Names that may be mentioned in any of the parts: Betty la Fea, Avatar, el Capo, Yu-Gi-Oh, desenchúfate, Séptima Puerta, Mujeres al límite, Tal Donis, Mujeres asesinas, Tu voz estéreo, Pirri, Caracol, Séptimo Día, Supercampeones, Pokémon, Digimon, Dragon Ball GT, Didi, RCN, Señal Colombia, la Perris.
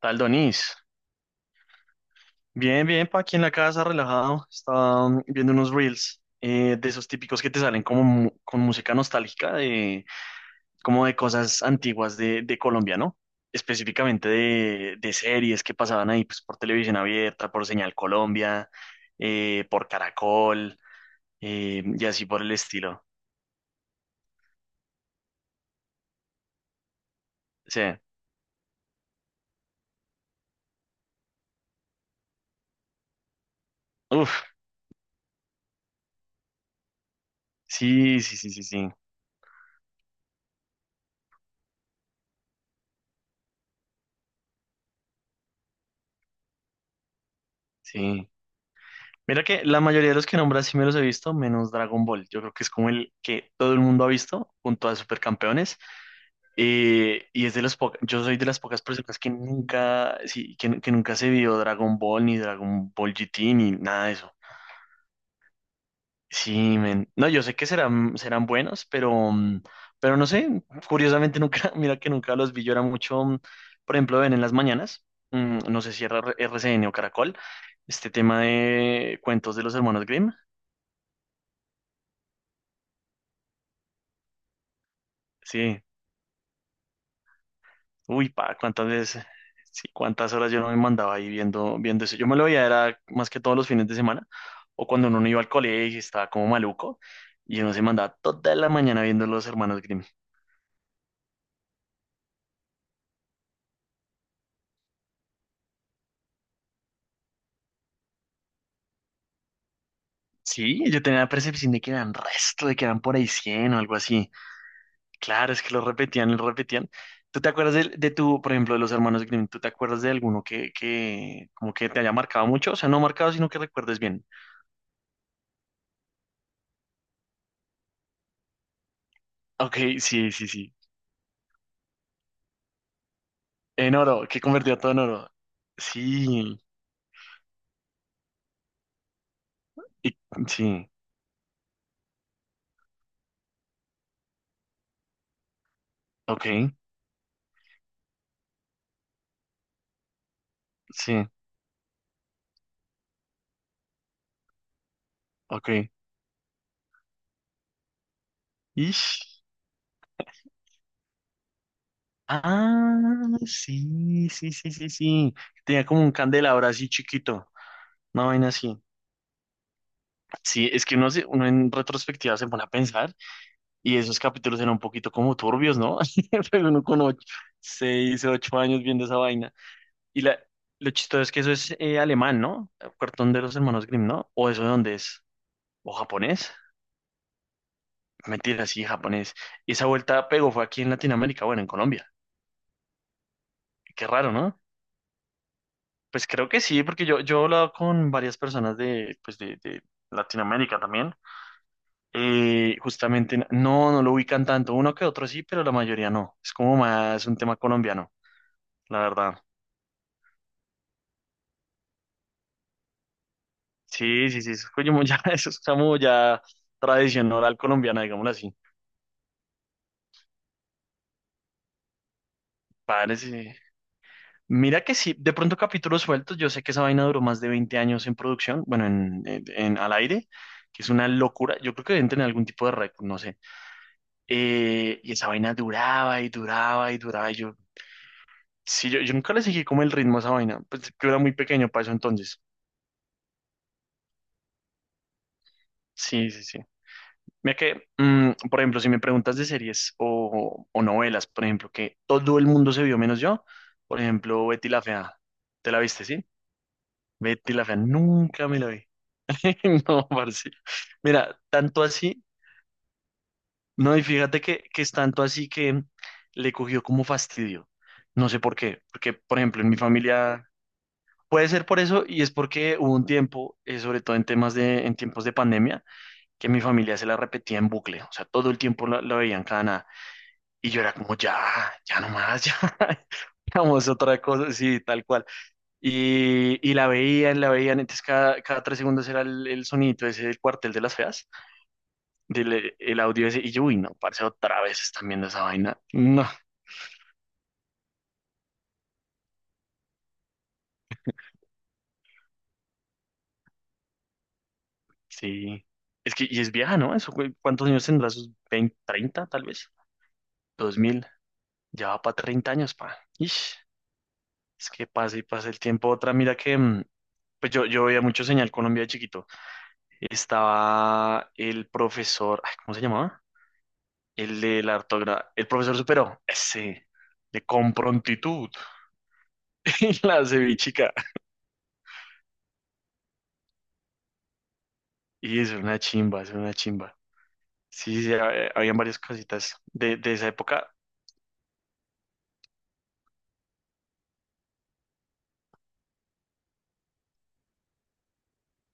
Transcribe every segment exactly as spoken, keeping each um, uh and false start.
Tal Donis. Bien, bien, pa' aquí en la casa, relajado. Estaba mm, viendo unos reels eh, de esos típicos que te salen como mu- con música nostálgica, de, como de cosas antiguas de, de Colombia, ¿no? Específicamente de, de series que pasaban ahí, pues por televisión abierta, por Señal Colombia, eh, por Caracol, eh, y así por el estilo. O sea, uff, sí, sí, sí, sí, sí, sí. Mira que la mayoría de los que nombras sí me los he visto, menos Dragon Ball. Yo creo que es como el que todo el mundo ha visto, junto a Supercampeones. Eh, y es de los pocas, yo soy de las pocas personas que nunca, sí, que, que nunca se vio Dragon Ball, ni Dragon Ball G T, ni nada de eso. Sí, men. No, yo sé que serán, serán buenos, pero, mm, pero no sé, curiosamente nunca, mira que nunca los vi. Yo era mucho, mm, por ejemplo, ven en las mañanas, mm, no sé si era R C N o Caracol, este tema de cuentos de los hermanos Grimm. Sí, Uy, pa, cuántas veces, sí, cuántas horas yo no me mandaba ahí viendo, viendo eso. Yo me lo veía, era más que todos los fines de semana, o cuando uno no iba al colegio y estaba como maluco, y uno se mandaba toda la mañana viendo los hermanos Grimm. Sí, yo tenía la percepción de que eran resto, de que eran por ahí cien o algo así. Claro, es que lo repetían, lo repetían. ¿Tú te acuerdas de, de tu, por ejemplo, de los hermanos Grimm? ¿Tú te acuerdas de alguno que, que como que te haya marcado mucho? O sea, no marcado, sino que recuerdes bien. Ok, sí, sí, sí. En oro, que convertía todo en oro. Sí. Y- sí, ok, sí, ok. Ish. Ah, sí, sí, sí, sí, sí. Tenía como un candelabro así chiquito, una vaina así. Sí, es que uno, se- uno en retrospectiva se pone a pensar y esos capítulos eran un poquito como turbios, ¿no? Pero uno con ocho, seis, ocho años viendo esa vaina. Y la, lo chistoso es que eso es eh, alemán, ¿no? Cartón de los hermanos Grimm, ¿no? ¿O eso de dónde es? ¿O japonés? Mentira, sí, japonés. Y esa vuelta pegó fue aquí en Latinoamérica, bueno, en Colombia. Qué raro, ¿no? Pues creo que sí, porque yo, yo he hablado con varias personas de, pues de, de Latinoamérica también. Eh, justamente no, no lo ubican tanto, uno que otro sí, pero la mayoría no. Es como más un tema colombiano, la verdad. Sí, sí, sí, eso es como ya, eso es como ya tradición oral colombiana, digámoslo así. Padres, eh. Mira que sí, de pronto capítulos sueltos, yo sé que esa vaina duró más de veinte años en producción, bueno, en, en en- al aire, que es una locura. Yo creo que deben tener algún tipo de récord, no sé. Eh, y esa vaina duraba y duraba y duraba. Y yo, sí, yo, yo nunca le seguí como el ritmo a esa vaina. Pues yo era muy pequeño para eso entonces. Sí, sí, sí. Mira que, mm, por ejemplo, si me preguntas de series o, o novelas, por ejemplo, que todo el mundo se vio menos yo, por ejemplo, Betty la Fea. ¿Te la viste, sí? Betty la Fea, nunca me la vi. No, parce. Mira, tanto así, no, y fíjate que, que es tanto así que le cogió como fastidio. No sé por qué, porque, por ejemplo, en mi familia. Puede ser por eso y es porque hubo un tiempo, eh, sobre todo en temas de, en tiempos de pandemia, que mi familia se la repetía en bucle, o sea, todo el tiempo la, la veían cada nada y yo era como, ya, ya nomás, ya, vamos otra cosa, sí, tal cual. Y, y la veían, la veían, entonces cada, cada tres segundos era el, el sonidito ese del cuartel de las feas, del, el audio ese, y yo, uy, no, parece otra vez están viendo esa vaina, no, sí, es que, y es vieja, ¿no? Eso, ¿cu- ¿cuántos años tendrá? ¿Sus veinte, treinta, tal vez? Dos mil. Ya va para treinta años, pa. Ish, es que pasa y pasa el tiempo. Otra, mira que, mm, pues yo, yo veía mucho Señal Colombia de chiquito. Estaba el profesor, ay, ¿cómo se llamaba? El de la ortografía. El profesor superó, ese, de con prontitud. Y la cevichica. Y es una chimba, es una chimba. Sí, sí, ha- eh, habían varias cositas de, de esa época.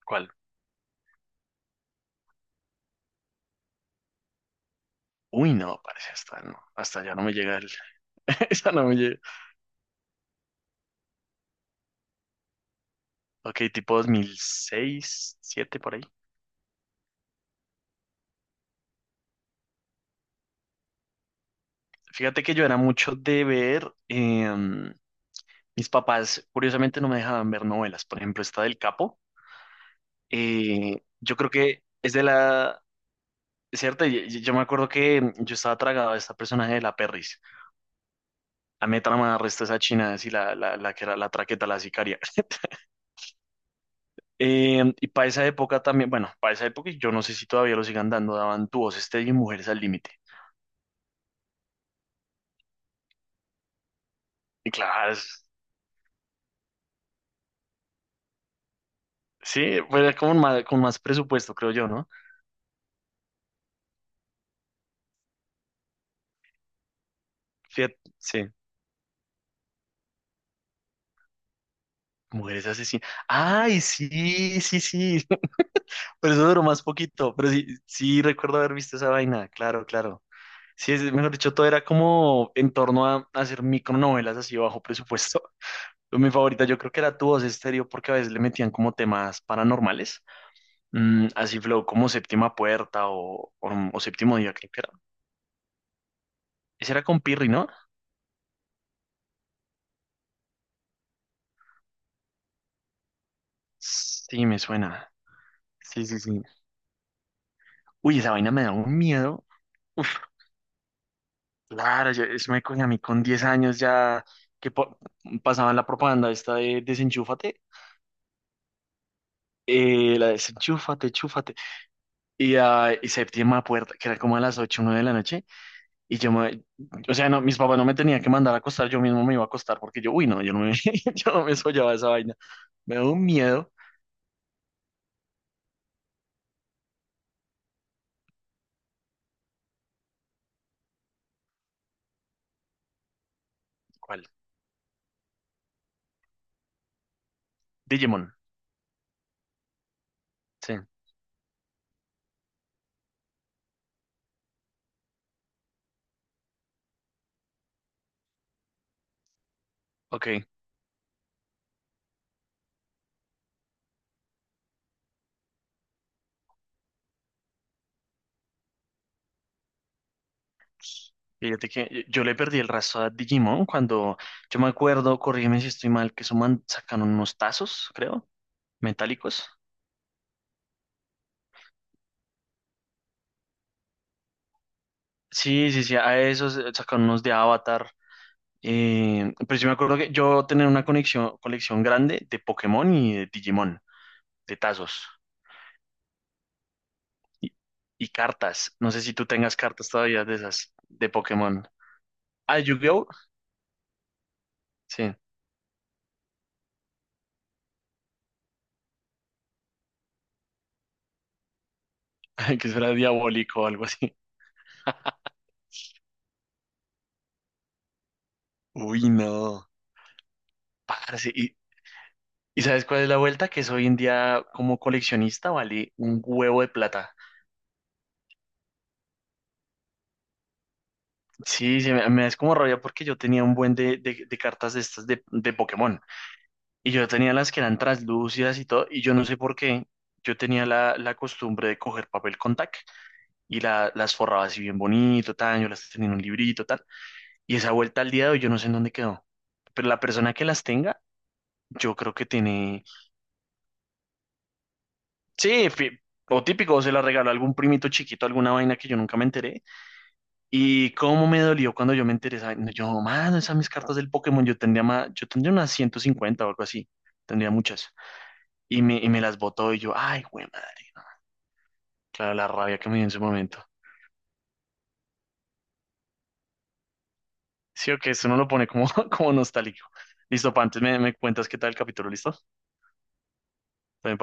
¿Cuál? Uy, no, parece hasta no, hasta ya no me llega el, esa no me llega. Ok, tipo dos mil seis siete por ahí. Fíjate que yo era mucho de ver, em, mis papás curiosamente no me dejaban ver novelas, por ejemplo, esta del Capo, eh, yo creo que es de la, ¿cierto? Y- y- Yo, me acuerdo que em, yo estaba tragado a esta personaje de la Perris, a mí me trama el resto de esa china, así la, la, la que era la traqueta, la sicaria. Em, y para esa época también, bueno, para esa época y yo no sé si todavía lo sigan dando, daban Tu voz estéreo y Mujeres al límite. Y claro, es- sí, pues era como más, con más presupuesto, creo yo, ¿no? Fíjate, sí. Mujeres asesinas. Ay, sí, sí, sí. Pero eso duró más poquito. Pero sí, sí recuerdo haber visto esa vaina. Claro, claro. Sí, es, mejor dicho, todo era como en torno a a hacer micronovelas así bajo presupuesto. Pero Mi favorita yo creo que era Tu Voz Estéreo porque a veces le metían como temas paranormales. Mm, así flow como Séptima Puerta o, o, o Séptimo Día, creo que era. Ese era con Pirri, ¿no? Sí, me suena. Sí, sí, sí. Uy, esa vaina me da un miedo. Claro, yo, eso me coño, a mí con diez años ya que po- pasaban la propaganda esta de desenchúfate, eh, la desenchúfate, chúfate, y, ah, y séptima puerta, que era como a las ocho, nueve de la noche, y yo me, o sea, no, mis papás no me tenían que mandar a acostar, yo mismo me iba a acostar, porque yo, uy, no, yo no me, yo no me soñaba esa vaina, me da un miedo. ¿Cuál? Digimon, sí, ok. Fíjate que yo le perdí el rastro a Digimon cuando, yo me acuerdo, corrígeme si estoy mal, que suman, sacaron unos tazos, creo metálicos. Sí, sí, sí, a esos eh, sacaron unos de Avatar. eh, pero yo me acuerdo que yo tenía una conexión, colección grande de Pokémon y de Digimon, de tazos y, y cartas. No sé si tú tengas cartas todavía de esas, de Pokémon. Ah, Yu-Gi-Oh! Sí, que será diabólico o algo así. Uy, no. Parce, ¿y, y sabes cuál es la vuelta? Que es hoy en día como coleccionista vale un huevo de plata. Sí, sí, me, me es como rabia porque yo tenía un buen de, de, de cartas de estas de, de Pokémon. Y yo tenía las que eran translúcidas y todo, y yo no sé por qué. Yo tenía la, la costumbre de coger papel con tac y la, las forraba así bien bonito, tan, yo las tenía en un librito, tal. Y esa vuelta al día de hoy yo no sé en dónde quedó. Pero la persona que las tenga, yo creo que tiene... Sí, fi- o típico, o se la regaló a algún primito chiquito, alguna vaina que yo nunca me enteré. Y cómo me dolió cuando yo me enteré, esa vaina. Yo, mano, esas mis cartas del Pokémon, yo tendría más, yo tendría unas ciento cincuenta o algo así. Tendría muchas. Y me, y me las botó y yo, ay, güey, Claro, la rabia que me dio en su momento. Sí, o que eso no lo pone como, como nostálgico. Listo, pa, antes me, me cuentas qué tal el capítulo, ¿listo? También